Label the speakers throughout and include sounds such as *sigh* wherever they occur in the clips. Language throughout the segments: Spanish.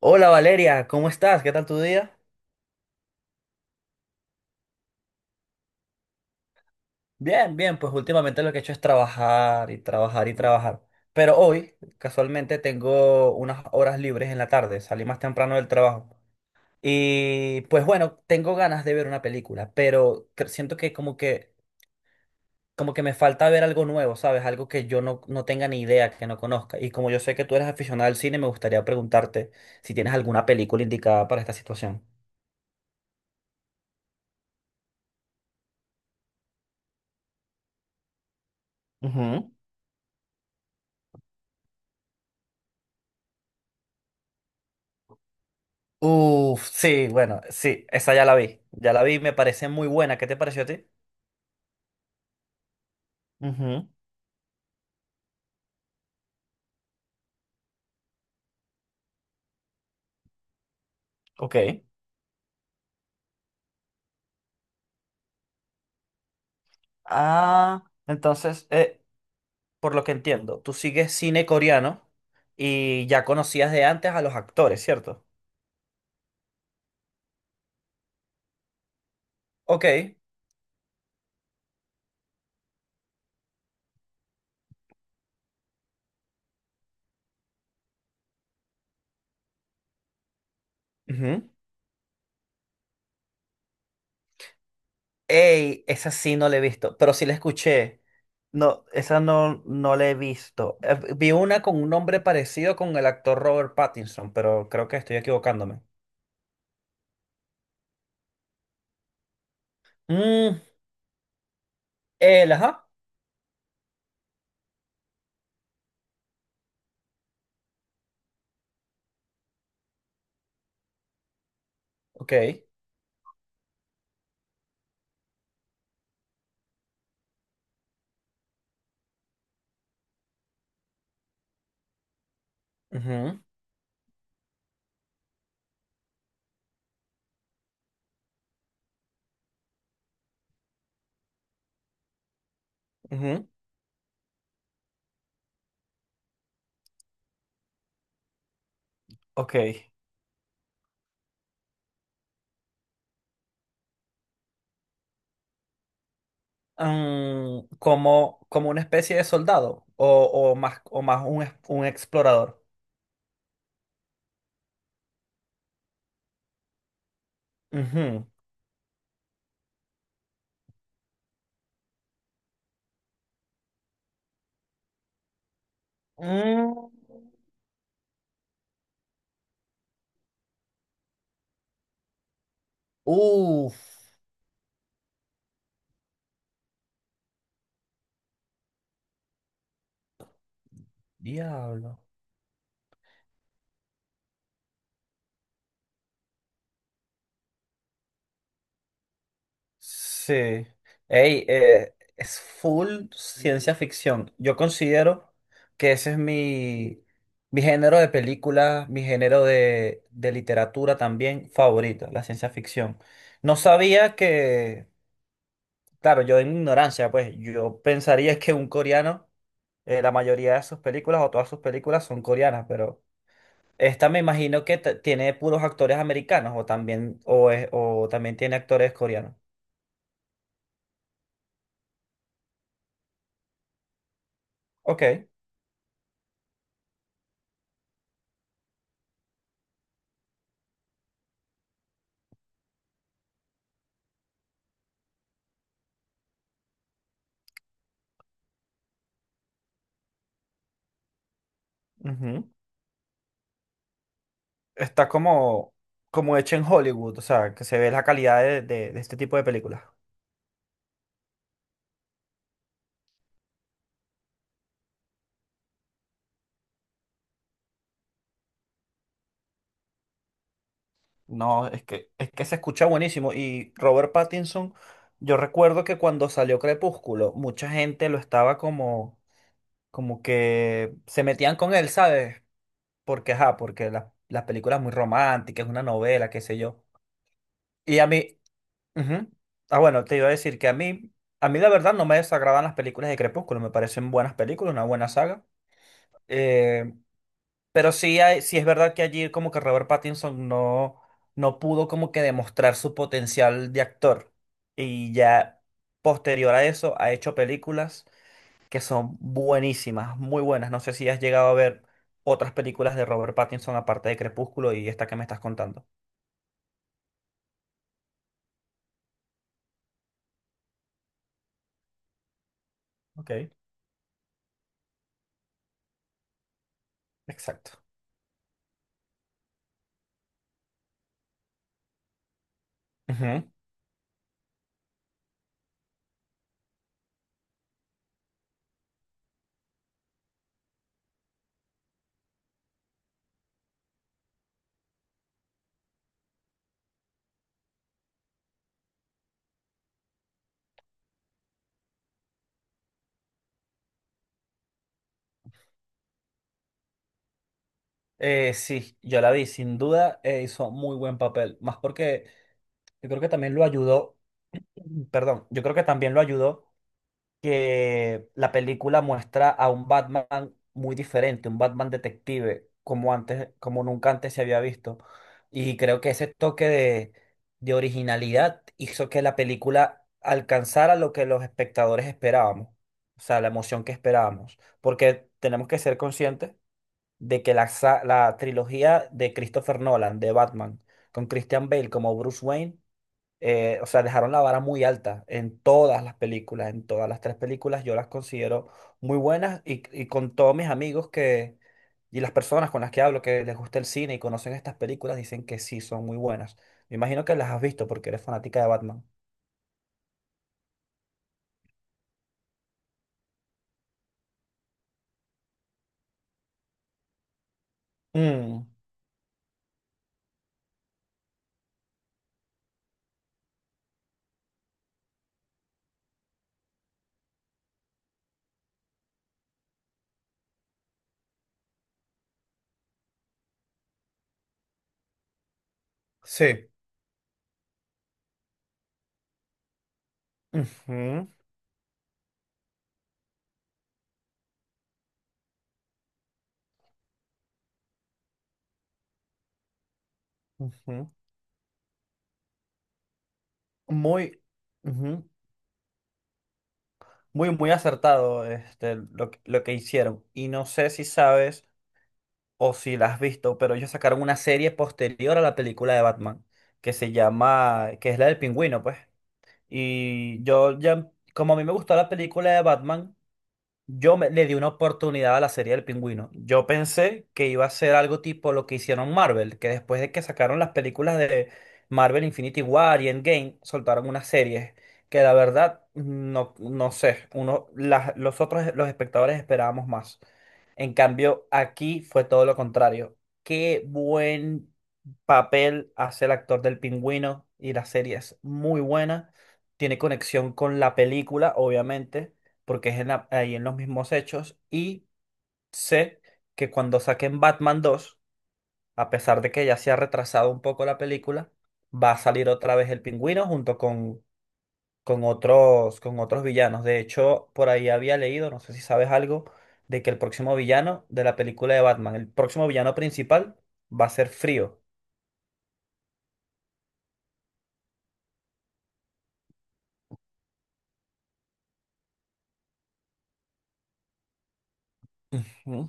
Speaker 1: Hola Valeria, ¿cómo estás? ¿Qué tal tu día? Bien, bien, pues últimamente lo que he hecho es trabajar y trabajar y trabajar. Pero hoy, casualmente, tengo unas horas libres en la tarde, salí más temprano del trabajo. Y pues bueno, tengo ganas de ver una película, pero siento que como que, como que me falta ver algo nuevo, ¿sabes? Algo que yo no tenga ni idea, que no conozca. Y como yo sé que tú eres aficionada al cine, me gustaría preguntarte si tienes alguna película indicada para esta situación. Ujú. Uf, sí, bueno, sí, esa ya la vi. Ya la vi, me parece muy buena. ¿Qué te pareció a ti? Ujú. Ok. Ah, entonces, por lo que entiendo, tú sigues cine coreano y ya conocías de antes a los actores, ¿cierto? Ok. Ujú. Ey, esa sí no la he visto, pero sí la escuché. No, esa no la he visto. Vi una con un nombre parecido con el actor Robert Pattinson, pero creo que estoy equivocándome. Mm, él, ajá. Ok. Ujú. Ujú. Ok. Mm, como, como una especie de soldado o más un explorador. Ujú. Mm. Uf, diablo. Sí. Ey, es full ciencia ficción. Yo considero que ese es mi, mi género de película, mi género de literatura también favorita la ciencia ficción. No sabía que claro, yo en mi ignorancia, pues yo pensaría que un coreano, la mayoría de sus películas o todas sus películas son coreanas, pero esta me imagino que tiene puros actores americanos o también, o también tiene actores coreanos. Ok, ujú. Está como, como hecha en Hollywood, o sea, que se ve la calidad de, de este tipo de películas. No, es que se escucha buenísimo. Y Robert Pattinson, yo recuerdo que cuando salió Crepúsculo, mucha gente lo estaba como como que se metían con él, ¿sabes? Porque, ajá, porque la, las películas muy románticas, es una novela, qué sé yo. Y a mí, ujú. Ah, bueno, te iba a decir que a mí la verdad no me desagradan las películas de Crepúsculo, me parecen buenas películas, una buena saga. Eh, pero sí, hay, sí es verdad que allí como que Robert Pattinson no, no pudo como que demostrar su potencial de actor. Y ya posterior a eso ha hecho películas que son buenísimas, muy buenas. No sé si has llegado a ver otras películas de Robert Pattinson aparte de Crepúsculo y esta que me estás contando. Ok. Exacto. Ujú. Sí, yo la vi, sin duda hizo muy buen papel, más porque yo creo que también lo ayudó, perdón, yo creo que también lo ayudó que la película muestra a un Batman muy diferente, un Batman detective, como antes, como nunca antes se había visto. Y creo que ese toque de originalidad hizo que la película alcanzara lo que los espectadores esperábamos, o sea, la emoción que esperábamos, porque tenemos que ser conscientes de que la, la trilogía de Christopher Nolan, de Batman, con Christian Bale como Bruce Wayne, o sea, dejaron la vara muy alta en todas las películas, en todas las tres películas, yo las considero muy buenas y con todos mis amigos que, y las personas con las que hablo que les gusta el cine y conocen estas películas, dicen que sí, son muy buenas. Me imagino que las has visto porque eres fanática de Batman. Mm, sí. Ujú, ujú. Muy, ujú. Muy, muy acertado este, lo, lo que hicieron. Y no sé si sabes o si la has visto, pero ellos sacaron una serie posterior a la película de Batman, que se llama, que es la del pingüino, pues. Y yo ya, como a mí me gustó la película de Batman, yo le di una oportunidad a la serie del Pingüino. Yo pensé que iba a ser algo tipo lo que hicieron Marvel, que después de que sacaron las películas de Marvel Infinity War y Endgame, soltaron unas series que la verdad no, no sé, uno, las, los otros, los espectadores esperábamos más. En cambio, aquí fue todo lo contrario. Qué buen papel hace el actor del Pingüino y la serie es muy buena. Tiene conexión con la película, obviamente porque es en ahí en los mismos hechos, y sé que cuando saquen Batman 2, a pesar de que ya se ha retrasado un poco la película, va a salir otra vez el pingüino junto con otros villanos. De hecho, por ahí había leído, no sé si sabes algo, de que el próximo villano de la película de Batman, el próximo villano principal, va a ser Frío. Ujú.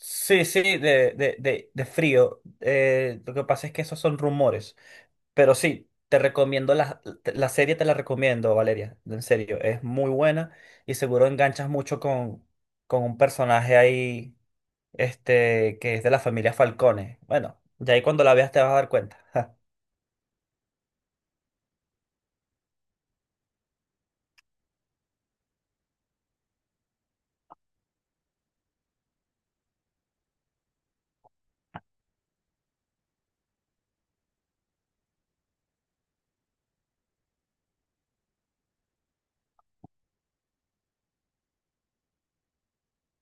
Speaker 1: Sí, sí, de frío. Lo que pasa es que esos son rumores. Pero sí, te recomiendo la, la serie, te la recomiendo, Valeria, en serio, es muy buena y seguro enganchas mucho con un personaje ahí, este, que es de la familia Falcone. Bueno, ya ahí cuando la veas te vas a dar cuenta. *laughs*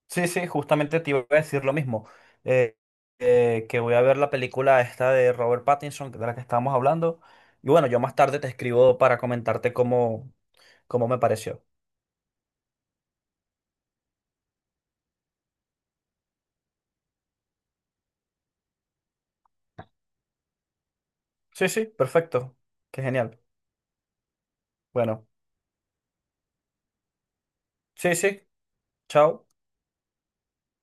Speaker 1: Sí, sí, justamente te iba a decir lo mismo, eh, que voy a ver la película esta de Robert Pattinson, de la que estábamos hablando, y bueno, yo más tarde te escribo para comentarte cómo, cómo me pareció. Sí, sí, perfecto, qué genial. Bueno, sí, sí, chao.